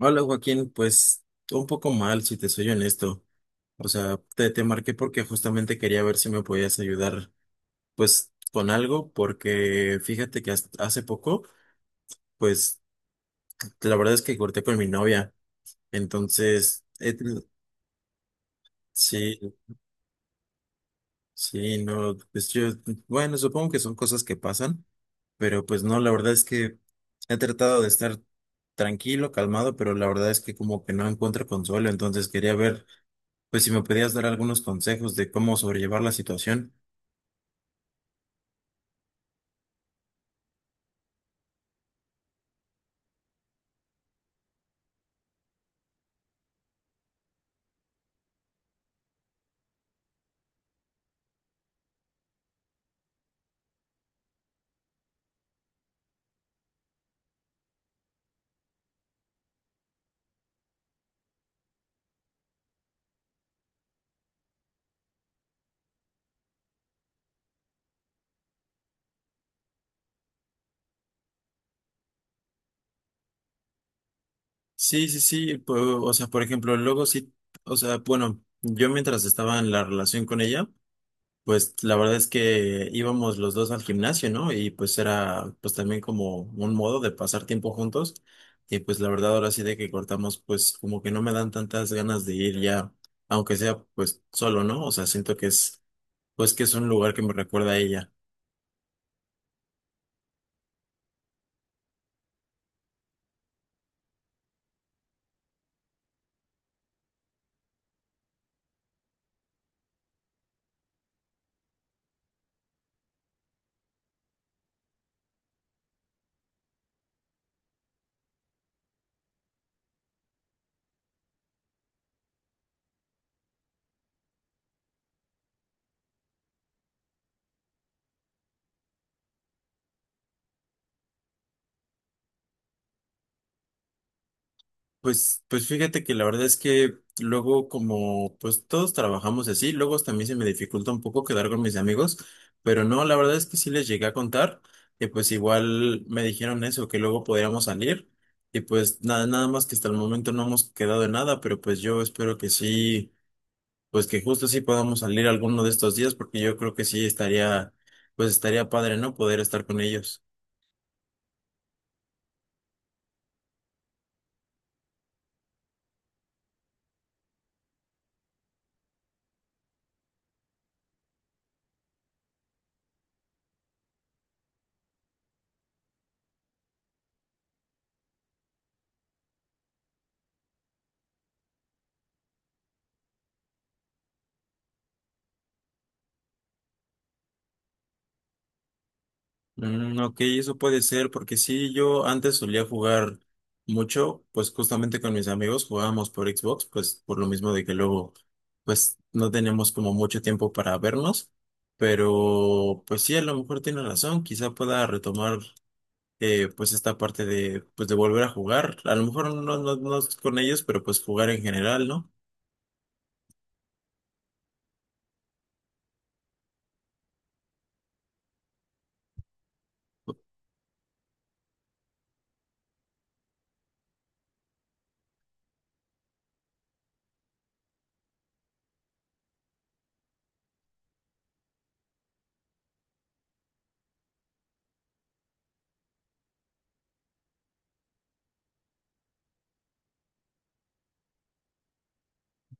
Hola Joaquín, pues un poco mal, si te soy honesto. O sea, te marqué porque justamente quería ver si me podías ayudar, pues, con algo, porque fíjate que hasta hace poco, pues, la verdad es que corté con mi novia. Entonces, sí, sí, no, pues yo, bueno, supongo que son cosas que pasan, pero pues no, la verdad es que he tratado de estar tranquilo calmado, pero la verdad es que como que no encuentro consuelo. Entonces quería ver pues si me podías dar algunos consejos de cómo sobrellevar la situación. Sí, sí, sí, o sea, por ejemplo, luego sí, o sea, bueno, yo mientras estaba en la relación con ella, pues la verdad es que íbamos los dos al gimnasio, ¿no? Y pues era pues también como un modo de pasar tiempo juntos, y pues la verdad ahora sí de que cortamos, pues como que no me dan tantas ganas de ir ya, aunque sea pues solo, ¿no? O sea, siento que es, pues que es un lugar que me recuerda a ella. Pues, pues fíjate que la verdad es que luego, como pues todos trabajamos así, luego hasta a mí se me dificulta un poco quedar con mis amigos, pero no, la verdad es que sí les llegué a contar, y pues igual me dijeron eso, que luego podíamos salir, y pues nada, nada más que hasta el momento no hemos quedado en nada, pero pues yo espero que sí, pues que justo sí podamos salir alguno de estos días, porque yo creo que sí estaría, pues estaría padre, ¿no? Poder estar con ellos. Mm, ok, eso puede ser, porque sí, yo antes solía jugar mucho, pues justamente con mis amigos jugábamos por Xbox, pues por lo mismo de que luego, pues no teníamos como mucho tiempo para vernos, pero pues sí, a lo mejor tiene razón, quizá pueda retomar pues esta parte de, pues de volver a jugar, a lo mejor no, no, no con ellos, pero pues jugar en general, ¿no?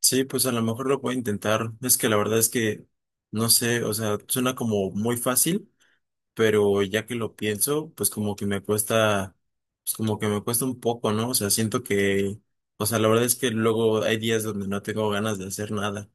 Sí, pues a lo mejor lo puedo intentar, es que la verdad es que, no sé, o sea, suena como muy fácil, pero ya que lo pienso, pues como que me cuesta, pues como que me cuesta un poco, ¿no? O sea, siento que, o sea, la verdad es que luego hay días donde no tengo ganas de hacer nada.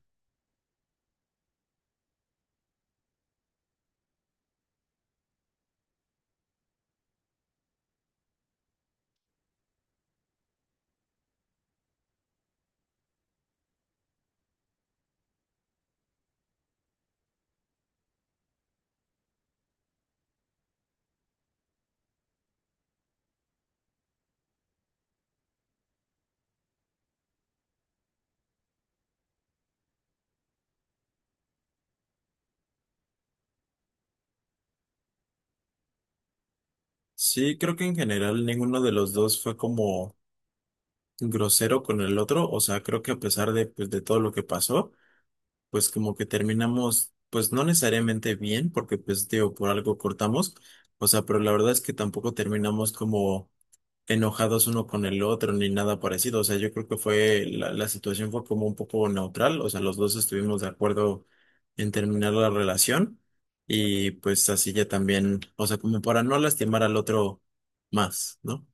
Sí, creo que en general ninguno de los dos fue como grosero con el otro, o sea, creo que a pesar de, pues, de todo lo que pasó, pues como que terminamos, pues no necesariamente bien, porque pues digo, por algo cortamos, o sea, pero la verdad es que tampoco terminamos como enojados uno con el otro ni nada parecido. O sea, yo creo que fue, la situación fue como un poco neutral. O sea, los dos estuvimos de acuerdo en terminar la relación, y pues así ya también, o sea, como para no lastimar al otro más, ¿no?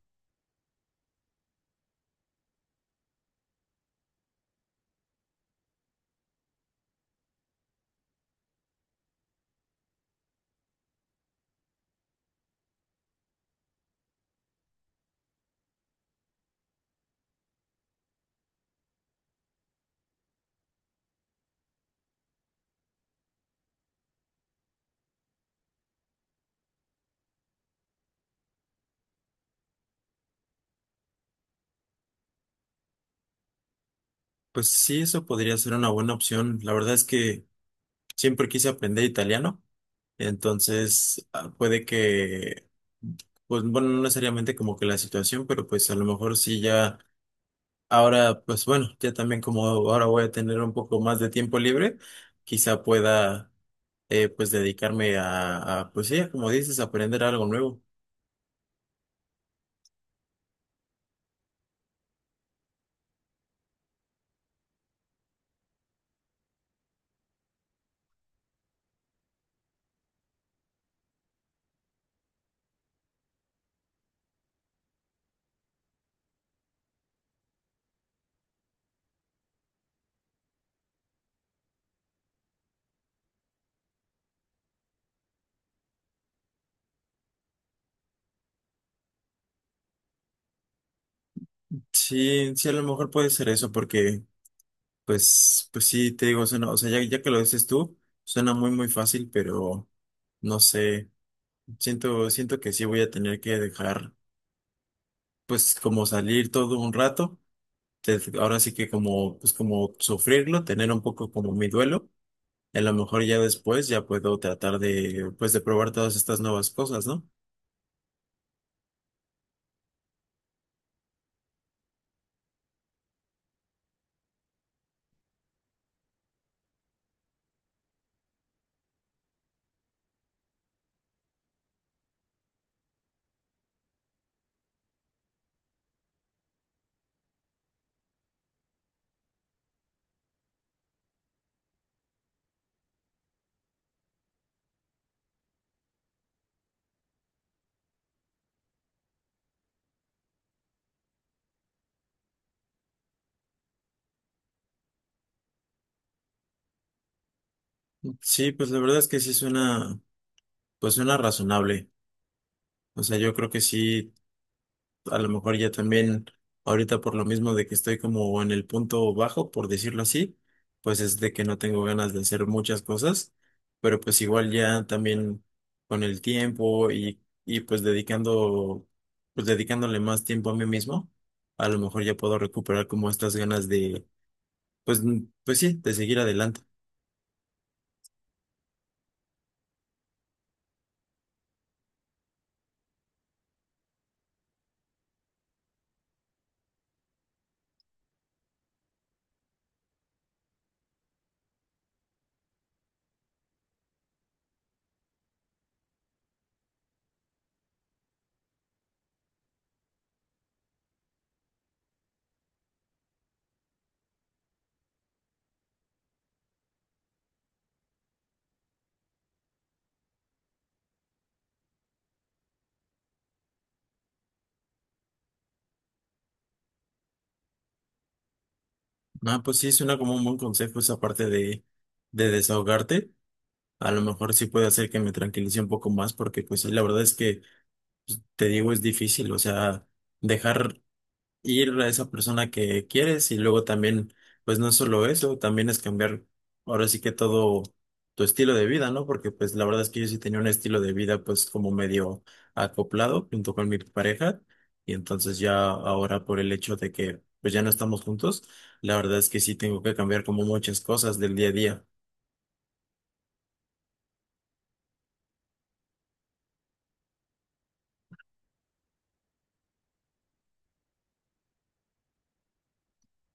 Pues sí, eso podría ser una buena opción. La verdad es que siempre quise aprender italiano, entonces ah, puede que, pues bueno, no necesariamente como que la situación, pero pues a lo mejor sí ya ahora, pues bueno, ya también como ahora voy a tener un poco más de tiempo libre, quizá pueda pues dedicarme pues sí, como dices, aprender algo nuevo. Sí, sí, a lo mejor puede ser eso, porque pues, pues sí, te digo, suena- o sea, ya, ya que lo dices tú, suena muy, muy fácil, pero no sé, siento que sí voy a tener que dejar pues como salir todo un rato, ahora sí que como, pues como sufrirlo, tener un poco como mi duelo. A lo mejor ya después ya puedo tratar de, pues, de probar todas estas nuevas cosas, ¿no? Sí, pues la verdad es que sí suena, pues suena razonable. O sea, yo creo que sí, a lo mejor ya también, ahorita por lo mismo de que estoy como en el punto bajo, por decirlo así, pues es de que no tengo ganas de hacer muchas cosas, pero pues igual ya también con el tiempo y pues dedicando, pues dedicándole más tiempo a mí mismo, a lo mejor ya puedo recuperar como estas ganas de pues, mm, pues sí, de seguir adelante. Ah, pues sí, suena como un buen consejo esa parte de desahogarte. A lo mejor sí puede hacer que me tranquilice un poco más, porque pues sí, la verdad es que pues, te digo, es difícil, o sea, dejar ir a esa persona que quieres, y luego también, pues no es solo eso, también es cambiar ahora sí que todo tu estilo de vida, ¿no? Porque pues la verdad es que yo sí tenía un estilo de vida pues como medio acoplado junto con mi pareja, y entonces ya ahora, por el hecho de que pues ya no estamos juntos, la verdad es que sí tengo que cambiar como muchas cosas del día a día.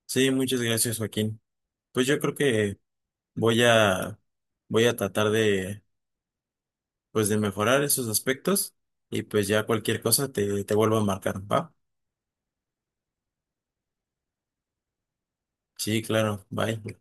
Sí, muchas gracias, Joaquín. Pues yo creo que voy a voy a tratar de pues de mejorar esos aspectos, y pues ya cualquier cosa te vuelvo a marcar, ¿va? Sí, claro, bye.